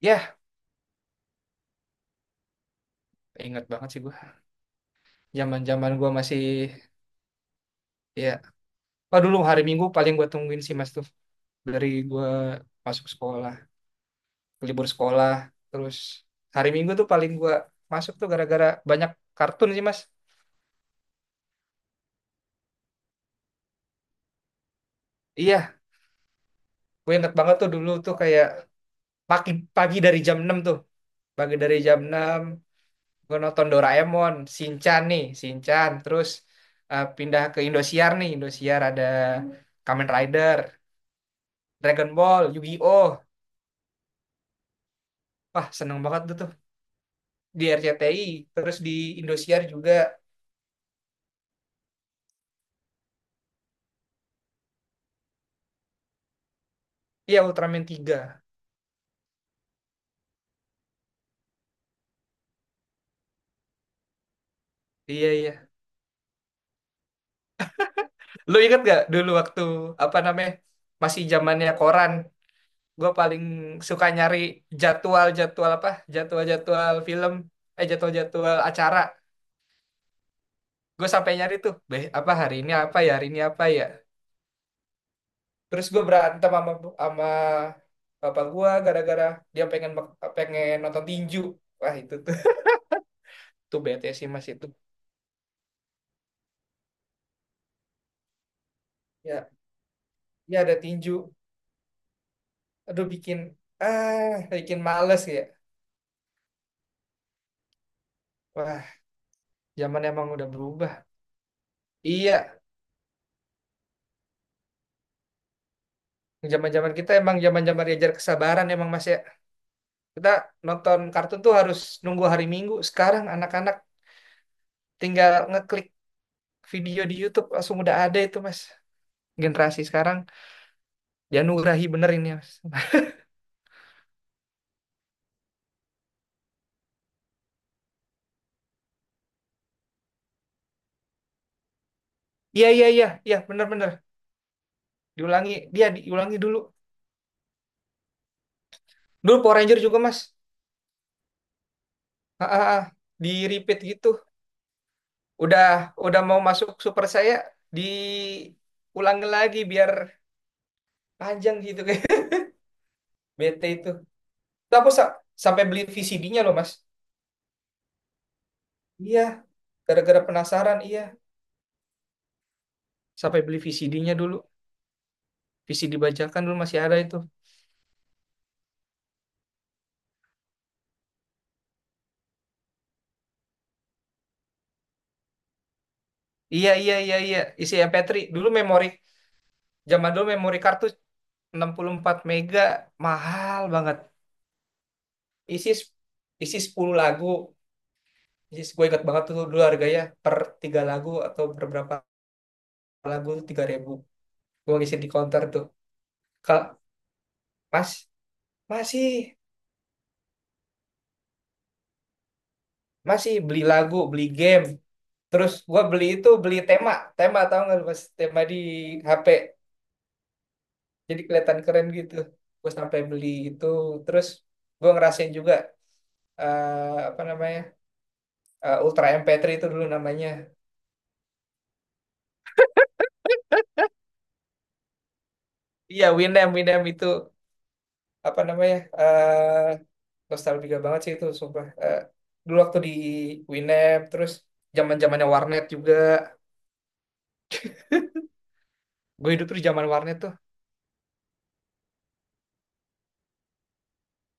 Ya, ingat banget sih gue. Zaman-zaman gue masih, ya, oh, dulu hari Minggu paling gue tungguin sih, Mas, tuh. Dari gue masuk sekolah, libur sekolah, terus hari Minggu tuh paling gue masuk tuh gara-gara banyak kartun sih, Mas. Iya, gue ingat banget tuh dulu tuh kayak pagi pagi dari jam 6 tuh, pagi dari jam 6 gue nonton Doraemon, Shinchan nih, Shinchan, terus pindah ke Indosiar nih, Indosiar ada Kamen Rider, Dragon Ball, Yu-Gi-Oh. Wah, seneng banget tuh di RCTI, terus di Indosiar juga. Iya, Ultraman 3, iya, iya. Lu inget gak dulu waktu apa namanya, masih zamannya koran. Gue paling suka nyari jadwal jadwal apa, jadwal jadwal film, jadwal jadwal acara. Gue sampai nyari tuh, beh, apa hari ini, apa ya, hari ini apa ya. Terus gue berantem sama sama bapak gue gara-gara dia pengen pengen nonton tinju. Wah, itu tuh tuh bete sih, Mas, itu. Ya, ya, ada tinju. Aduh bikin, bikin males ya. Wah, zaman emang udah berubah, iya. Zaman zaman kita emang zaman zaman diajar kesabaran emang, Mas, ya. Kita nonton kartun tuh harus nunggu hari Minggu. Sekarang anak-anak tinggal ngeklik video di YouTube, langsung udah ada itu, Mas. Generasi sekarang dianugerahi bener ini, Mas. Iya, iya, iya, iya, bener bener. Diulangi, dia diulangi dulu. Dulu Power Ranger juga, Mas. Ah, ah, ah. Di repeat gitu. Udah, mau masuk super saya, diulang lagi biar panjang gitu kayak bete itu. Tuh, Aku sampai beli VCD-nya loh, Mas. Iya, gara-gara penasaran, iya. Sampai beli VCD-nya dulu. VCD bajakan dulu masih ada itu. Iya, iya, iya, iya, isi MP3. Dulu memori Zaman dulu memori kartu 64 mega mahal banget. Isi s- isi 10 lagu. Isi, gue ingat banget tuh dulu harganya per 3 lagu atau per berapa lagu tuh 3.000. Gue ngisi di counter tuh, Kak, Mas, masih masih beli lagu, beli game, terus gue beli itu, beli tema, tema tau gak lu, Mas, tema di HP, jadi kelihatan keren gitu. Gue sampai beli itu. Terus gue ngerasain juga, apa namanya, Ultra MP3 itu dulu namanya. Iya, Winamp Winamp itu apa namanya, nostalgia banget sih itu sumpah. Dulu waktu di Winamp. Terus zaman zamannya warnet juga, gue hidup tuh di zaman warnet tuh.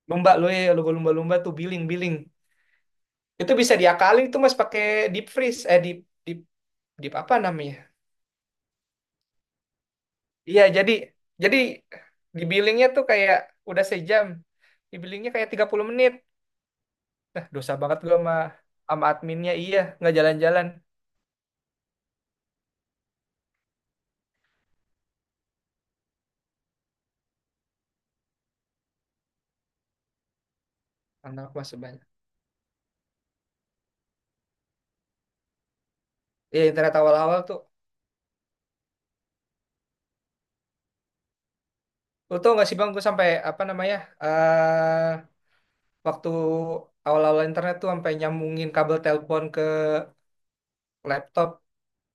Lumba, lu ya, lu lumba-lumba tuh billing-billing. Itu bisa diakalin tuh, Mas, pakai deep freeze, eh deep deep deep apa namanya? Iya, jadi, jadi di billingnya tuh kayak udah sejam. Di billingnya kayak 30 menit. Nah, dosa banget gua sama sama adminnya, iya, nggak jalan-jalan. Anak, Mas, banyak. Iya, internet awal-awal tuh. Lu tau gak sih, Bang, gue sampai apa namanya, eh waktu awal-awal internet tuh sampai nyambungin kabel telepon ke laptop.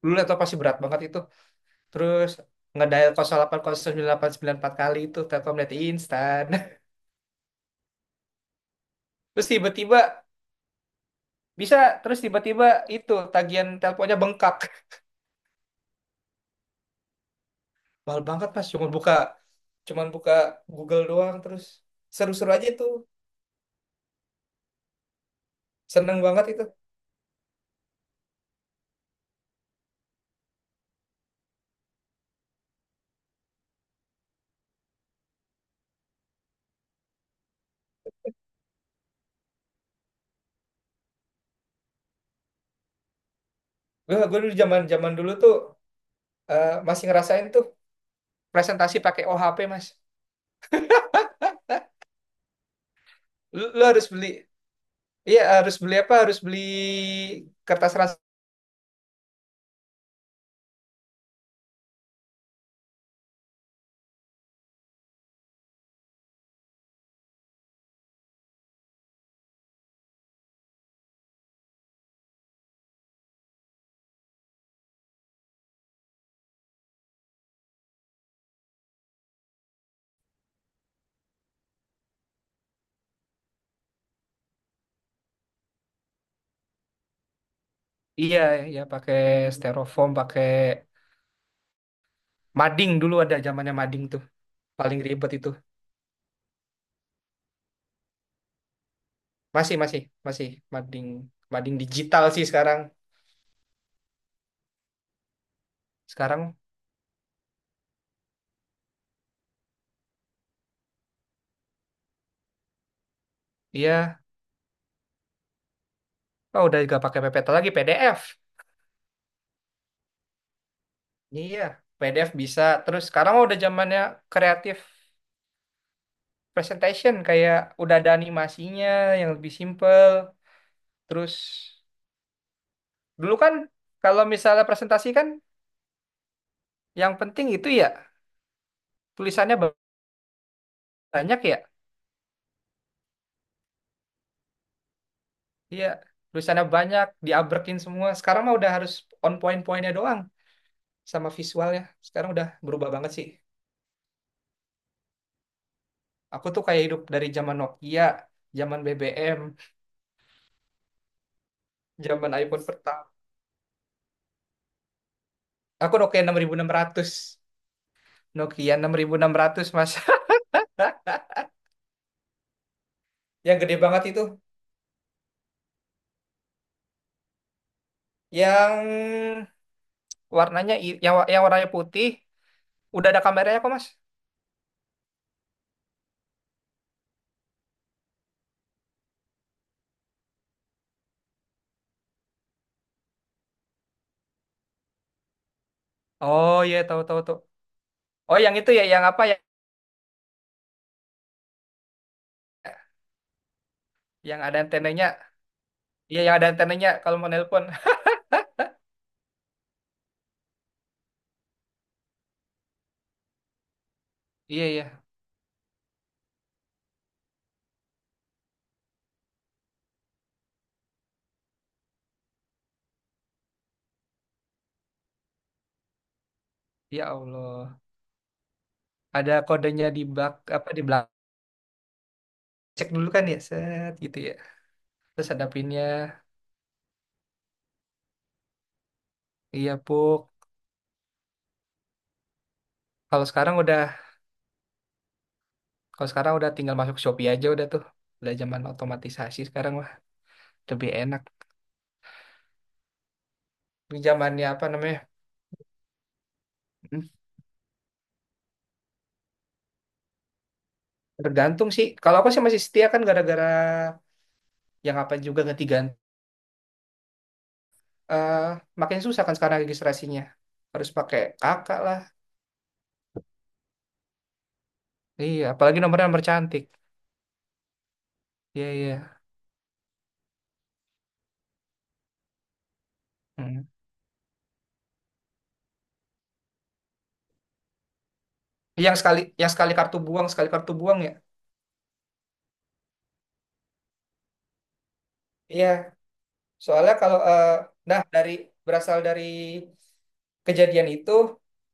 Dulu laptop pasti berat banget itu. Terus ngedial 08 09 94 kali itu Telkomnet instan. Terus tiba-tiba bisa. Terus tiba-tiba itu tagihan teleponnya bengkak. Mahal banget pas cuman buka cuman buka Google doang terus seru-seru aja itu. Seneng banget itu. Gue dulu zaman-zaman dulu tuh, masih ngerasain tuh presentasi pakai OHP, Mas. Lu harus beli, iya harus beli apa? Harus beli kertas ras. Iya, iya, pakai styrofoam, pakai mading. Dulu ada zamannya mading tuh. Paling ribet itu. Masih, masih masih mading. Mading digital sih sekarang, sekarang iya, oh udah gak pakai PPT lagi, PDF. Iya, PDF bisa. Terus sekarang mah udah zamannya kreatif presentation, kayak udah ada animasinya, yang lebih simple. Terus dulu kan kalau misalnya presentasi kan yang penting itu ya tulisannya banyak ya. Iya, tulisannya banyak diabrekin semua. Sekarang mah udah harus on point-pointnya doang, sama visualnya. Sekarang udah berubah banget sih. Aku tuh kayak hidup dari zaman Nokia, zaman BBM, zaman iPhone pertama. Aku Nokia 6600. Nokia enam enam ribu enam ratus, Mas. Hah? Yang gede banget itu. Yang warnanya i- yang wa- Yang warnanya putih, udah ada kameranya kok, Mas. Oh iya, tahu tahu tuh. Oh, yang itu ya, yang apa ya? Yang ada antenanya. Iya, yang ada antenanya kalau mau nelpon. Iya, iya. Ya Allah. Ada kodenya di bak, apa di belakang. Cek dulu kan ya, set gitu ya. Terus ada pinnya. Iya, Puk. Kalau sekarang udah Kalau sekarang udah tinggal masuk Shopee aja udah tuh. Udah zaman otomatisasi sekarang mah, lebih enak. Ini zamannya apa namanya? Hmm, Tergantung sih. Kalau aku sih masih setia kan gara-gara yang apa juga ganti-ganti. Eh, makin susah kan sekarang registrasinya. Harus pakai kakak lah. Iya, apalagi nomornya nomor cantik. Iya, iya. Hmm. Yang sekali kartu buang ya. Iya, soalnya kalau, nah, dari, berasal dari kejadian itu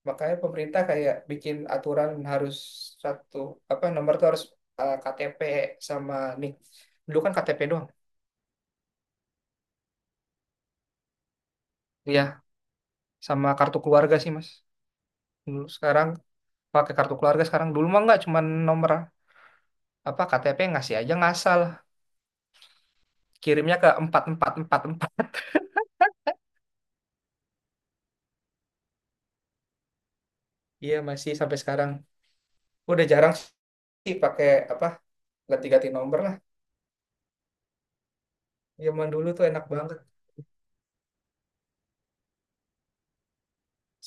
makanya pemerintah kayak bikin aturan harus satu, apa, nomor tuh harus, KTP, sama nih, dulu kan KTP doang. Iya, sama kartu keluarga sih, Mas. Dulu sekarang pakai kartu keluarga sekarang. Dulu mah nggak, cuman nomor, apa, KTP ngasih aja ngasal, kirimnya ke 4444. Iya, masih sampai sekarang. Udah jarang sih pakai, apa, ganti-ganti nomor lah. Zaman dulu tuh enak banget,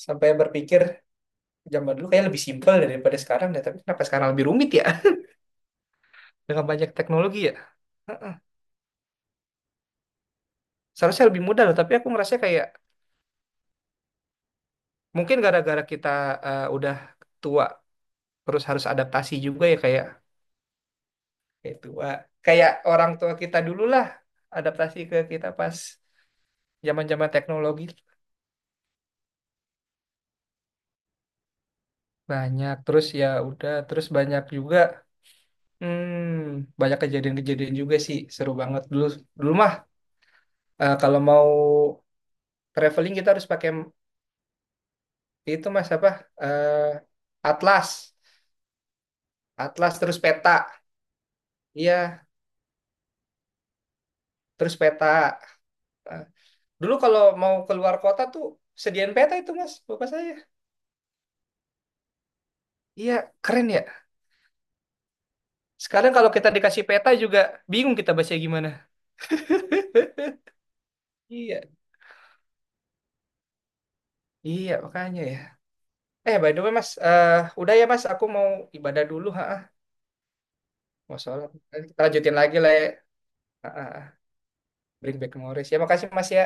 sampai berpikir zaman dulu kayak lebih simpel daripada sekarang deh, tapi kenapa sekarang lebih rumit ya dengan banyak teknologi ya. Seharusnya lebih mudah loh, tapi aku ngerasa kayak mungkin gara-gara kita, udah tua, terus harus adaptasi juga ya, kayak, tua. Kayak orang tua kita dulu lah adaptasi ke kita pas zaman-zaman teknologi banyak terus ya, udah, terus banyak juga. Banyak kejadian-kejadian juga sih. Seru banget dulu. Dulu mah, kalau mau traveling kita harus pakai itu, Mas, apa. Eh, atlas. Atlas terus peta. Iya, terus peta. Nah, dulu kalau mau keluar kota tuh sediain peta itu, Mas, bapak saya. Iya, keren ya. Sekarang kalau kita dikasih peta juga bingung kita baca gimana. Iya, iya makanya ya. Eh, by the way, Mas, udah ya, Mas, aku mau ibadah dulu. Ha, mau sholat. Kita lanjutin lagi lah ya. Ha, ha, bring back memories. Ya, makasih, Mas, ya.